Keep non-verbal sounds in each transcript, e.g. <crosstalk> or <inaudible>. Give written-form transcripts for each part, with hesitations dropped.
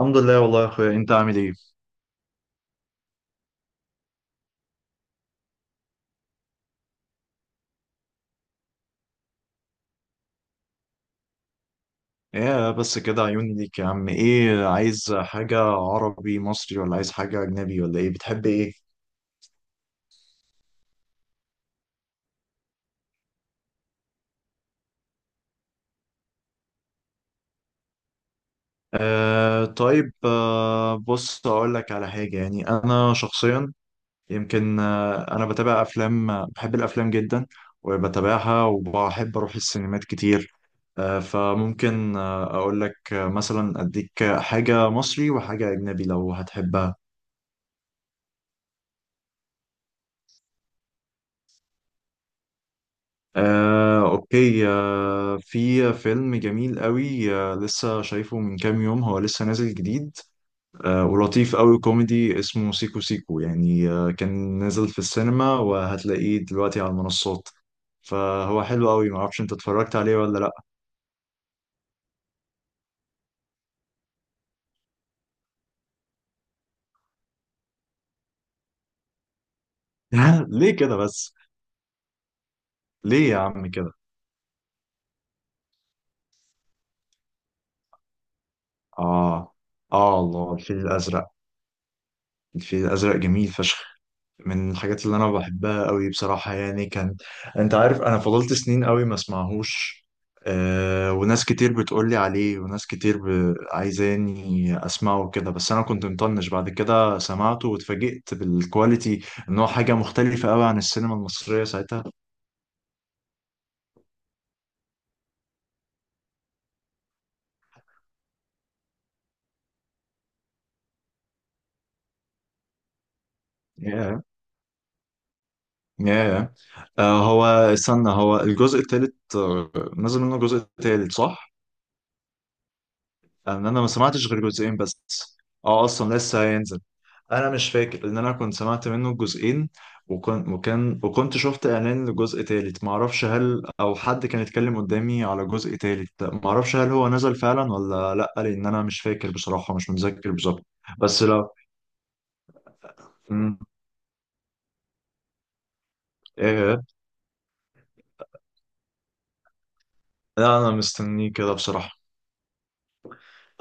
الحمد لله والله يا اخويا، انت عامل ايه؟ ايه بس كده، عيوني ليك يا عم. ايه، عايز حاجة عربي مصري ولا عايز حاجة اجنبي، ولا ايه، بتحب ايه؟ بص، اقول لك على حاجة. يعني انا شخصيا يمكن انا بتابع افلام، بحب الافلام جدا وبتابعها، وبحب اروح السينمات كتير. فممكن اقول لك، مثلا اديك حاجة مصري وحاجة اجنبي لو هتحبها. أوكي. في فيلم جميل قوي، لسه شايفه من كام يوم، هو لسه نازل جديد، ولطيف قوي، كوميدي، اسمه سيكو سيكو. يعني كان نازل في السينما، وهتلاقيه دلوقتي على المنصات، فهو حلو قوي. معرفش انت اتفرجت عليه ولا لأ. <laughs> ليه كده بس؟ ليه يا عم كده؟ آه الله، الفيل الأزرق. الفيل الأزرق جميل فشخ، من الحاجات اللي انا بحبها قوي بصراحة. يعني كان... انت عارف انا فضلت سنين قوي ما اسمعهوش. وناس كتير بتقولي عليه، وناس كتير عايزاني اسمعه كده، بس انا كنت مطنش. بعد كده سمعته واتفاجئت بالكواليتي، ان هو حاجة مختلفة قوي عن السينما المصرية ساعتها. ياه. ياه. هو استنى، هو الجزء التالت نزل منه جزء تالت، صح؟ ان انا ما سمعتش غير جزئين بس. اه، اصلا لسه هينزل. انا مش فاكر، لان انا كنت سمعت منه جزئين، وكان وكان وكنت شفت اعلان لجزء تالت. ما اعرفش، هل او حد كان يتكلم قدامي على جزء تالت. ما اعرفش هل هو نزل فعلا ولا لا، لان انا مش فاكر بصراحة، مش متذكر بالظبط. بس لو... مم. ايه. إيه. لا انا مستنيه كده بصراحة.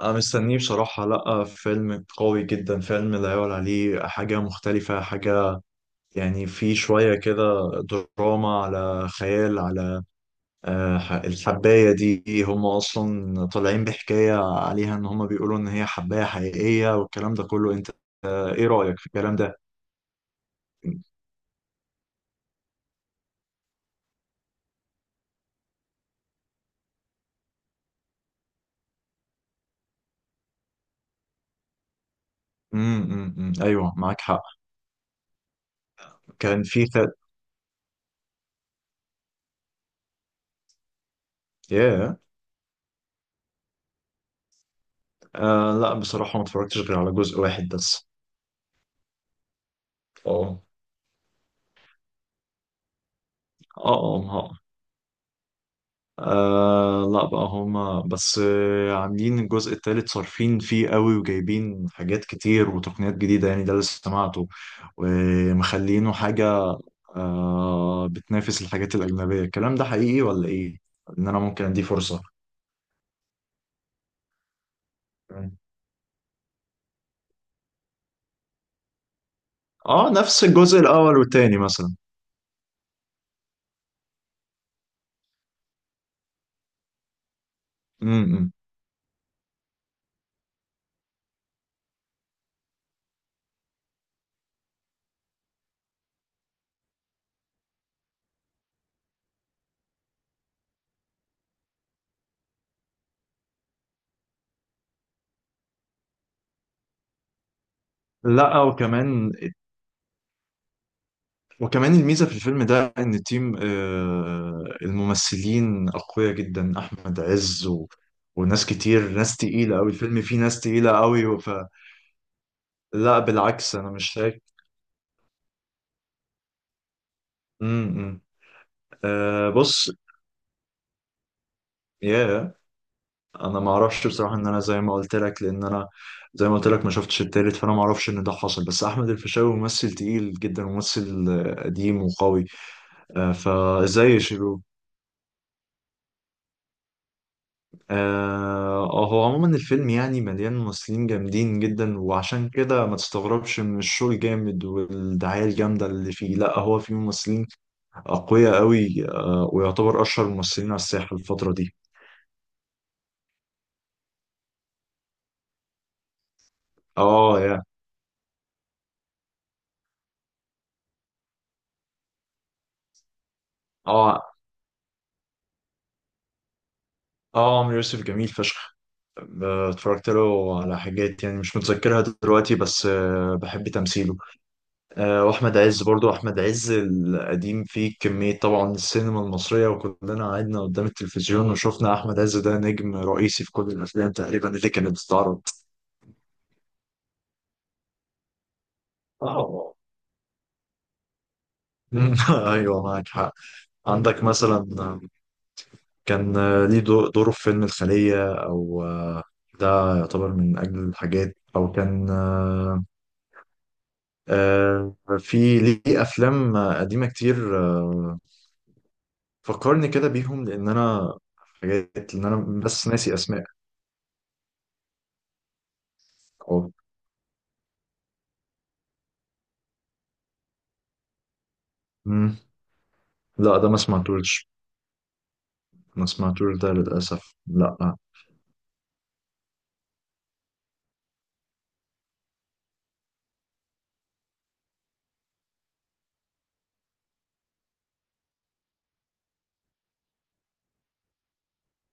انا مستنيه بصراحة. لا، فيلم قوي جدا. فيلم لا يعلى عليه، حاجة مختلفة، حاجة يعني في شوية كده دراما على خيال، على... الحباية دي، هم أصلا طالعين بحكاية عليها، إن هم بيقولوا إن هي حباية حقيقية، والكلام ده كله، أنت... إيه رأيك في الكلام ده؟ أمم، أمم، أيوه، معاك حق. كان في خد... ياه. لا بصراحة، ما اتفرجتش غير على جزء واحد بس. اه اه اه آه، لا بقى، هما بس عاملين الجزء التالت صارفين فيه قوي، وجايبين حاجات كتير وتقنيات جديدة، يعني ده اللي سمعته، ومخلينه حاجة بتنافس الحاجات الأجنبية. الكلام ده حقيقي ولا إيه؟ إن أنا ممكن أديه فرصة. نفس الجزء الأول والتاني مثلا. إمم. لا، وكمان وكمان الميزة في الفيلم ده، إن تيم الممثلين أقوياء جدا، أحمد عز وناس كتير، ناس تقيلة أوي. الفيلم فيه ناس تقيلة أوي، لا بالعكس، أنا مش شايف. إمم. بص. ياه. انا ما اعرفش بصراحه، ان انا زي ما قلت لك، لان انا زي ما قلت لك ما شفتش التالت، فانا ما اعرفش ان ده حصل. بس احمد الفيشاوي ممثل تقيل جدا، وممثل قديم وقوي. فازاي يا شيرو. هو عموما الفيلم يعني مليان ممثلين جامدين جدا، وعشان كده ما تستغربش من الشغل الجامد والدعاية الجامدة اللي فيه. لا، هو فيه ممثلين أقوياء قوي، ويعتبر أشهر الممثلين على الساحة الفترة دي. اه يا اه اه عمرو يوسف جميل فشخ. اتفرجت له على حاجات يعني مش متذكرها دلوقتي، بس بحب تمثيله. واحمد عز برضو، احمد عز القديم فيه كمية. طبعا السينما المصرية، وكلنا قعدنا قدام التلفزيون وشفنا احمد عز، ده نجم رئيسي في كل الافلام تقريبا اللي كانت بتتعرض. آه. <laughs> ايوه، معاك حق. عندك مثلا كان آه، ليه دو- دوره في فيلم الخلية، او ده يعتبر من اجل الحاجات، او كان آه، في ليه افلام قديمه كتير، فكرني كده بيهم لان انا... حاجات، لان انا بس ناسي اسماء. اه. مم. لا ده ما سمعتوش. ما سمعتوش ده للاسف، لا.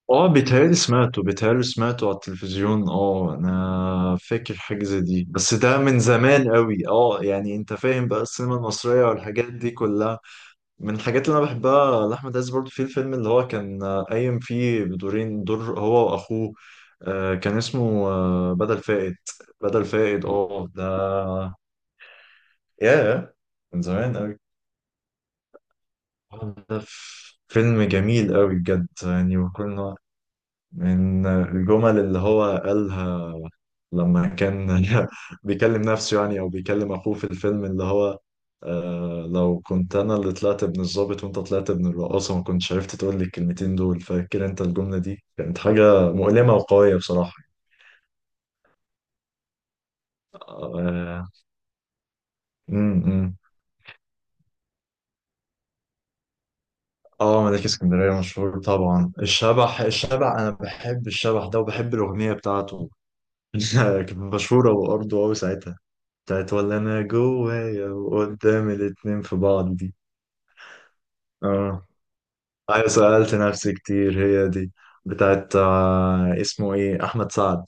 اه، بيتهيألي سمعته، بيتهيألي سمعته على التلفزيون. اه انا فاكر حاجه زي دي، بس ده من زمان قوي. اه يعني انت فاهم بقى السينما المصريه والحاجات دي كلها. من الحاجات اللي انا بحبها لاحمد عز برضو، في الفيلم اللي هو كان قايم فيه بدورين، دور هو واخوه، كان اسمه بدل فائد. بدل فائد، اه، ده... ياه، من زمان قوي. ده فيلم جميل قوي بجد. يعني وكنا... من الجمل اللي هو قالها لما كان <laughs> بيكلم نفسه، يعني او بيكلم اخوه في الفيلم، اللي هو لو كنت انا اللي طلعت ابن الضابط، وانت طلعت ابن الرقاصه، ما كنتش عرفت تقول لي الكلمتين دول. فاكر انت الجمله دي؟ كانت حاجه مؤلمه وقويه بصراحه. اه. أمم. اه ملاك اسكندريه مشهور طبعا. الشبح، الشبح، انا بحب الشبح ده، وبحب الاغنيه بتاعته. <laughs> كانت مشهوره وارضه قوي ساعتها. بتاعت "ولا انا جوايا وقدام الاتنين في بعض" دي. اه ايوه، سألت نفسي كتير، هي دي، بتاعت اسمه ايه، احمد سعد.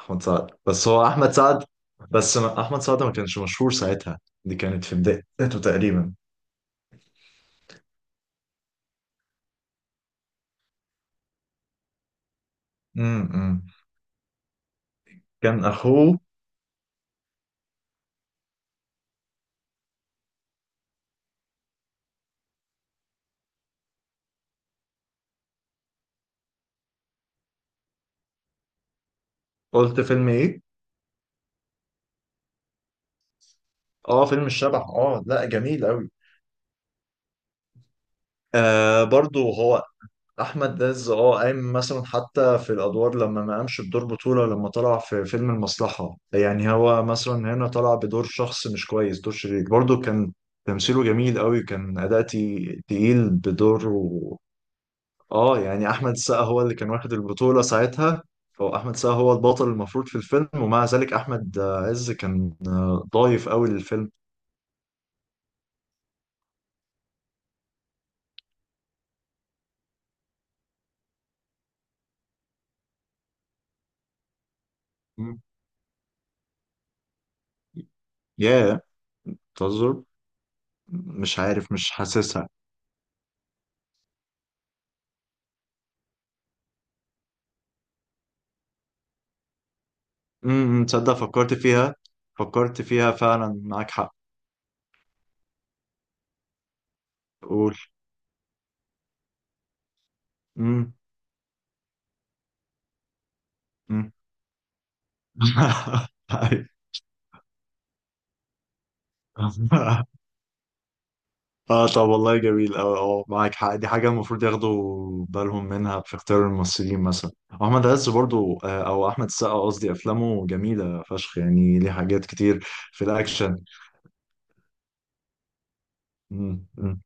احمد سعد، بس هو احمد سعد، بس احمد سعد ما كانش مشهور ساعتها، دي كانت في بدايته تقريبا. امم. كان اخوه... قلت فيلم ايه؟ اه، فيلم الشبح. اه، لا جميل قوي. برضو هو احمد داز، اه، قايم مثلا حتى في الادوار، لما ما قامش بدور بطوله، لما طلع في فيلم المصلحه. يعني هو مثلا هنا طلع بدور شخص مش كويس، دور شرير، برضه كان تمثيله جميل قوي. كان اداء تقيل بدور، اه يعني احمد السقا هو اللي كان واخد البطوله ساعتها، فهو احمد السقا هو البطل المفروض في الفيلم، ومع ذلك احمد عز كان ضايف قوي للفيلم. مم. ياه. yeah. تهزر. مش عارف، مش حاسسها. تصدق، فكرت فيها. فكرت فيها فعلا، معاك حق. قول. امم، امم. <laughs> أيوة. اه، طب والله جميل. اه معاك حق. دي حاجة المفروض ياخدوا بالهم منها في اختيار الممثلين مثلا. احمد عز برضو، او احمد السقا قصدي، افلامه جميلة فشخ. يعني ليه حاجات كتير في الاكشن. مم، مم.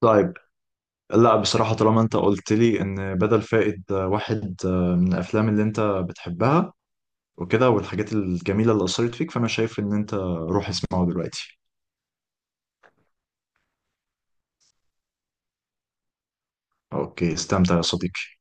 طيب. لا بصراحة، طالما انت قلت لي ان بدل فائد واحد من الافلام اللي انت بتحبها وكده، والحاجات الجميلة اللي أثرت فيك، فأنا شايف إن أنت روح اسمعه دلوقتي. أوكي، استمتع يا صديقي.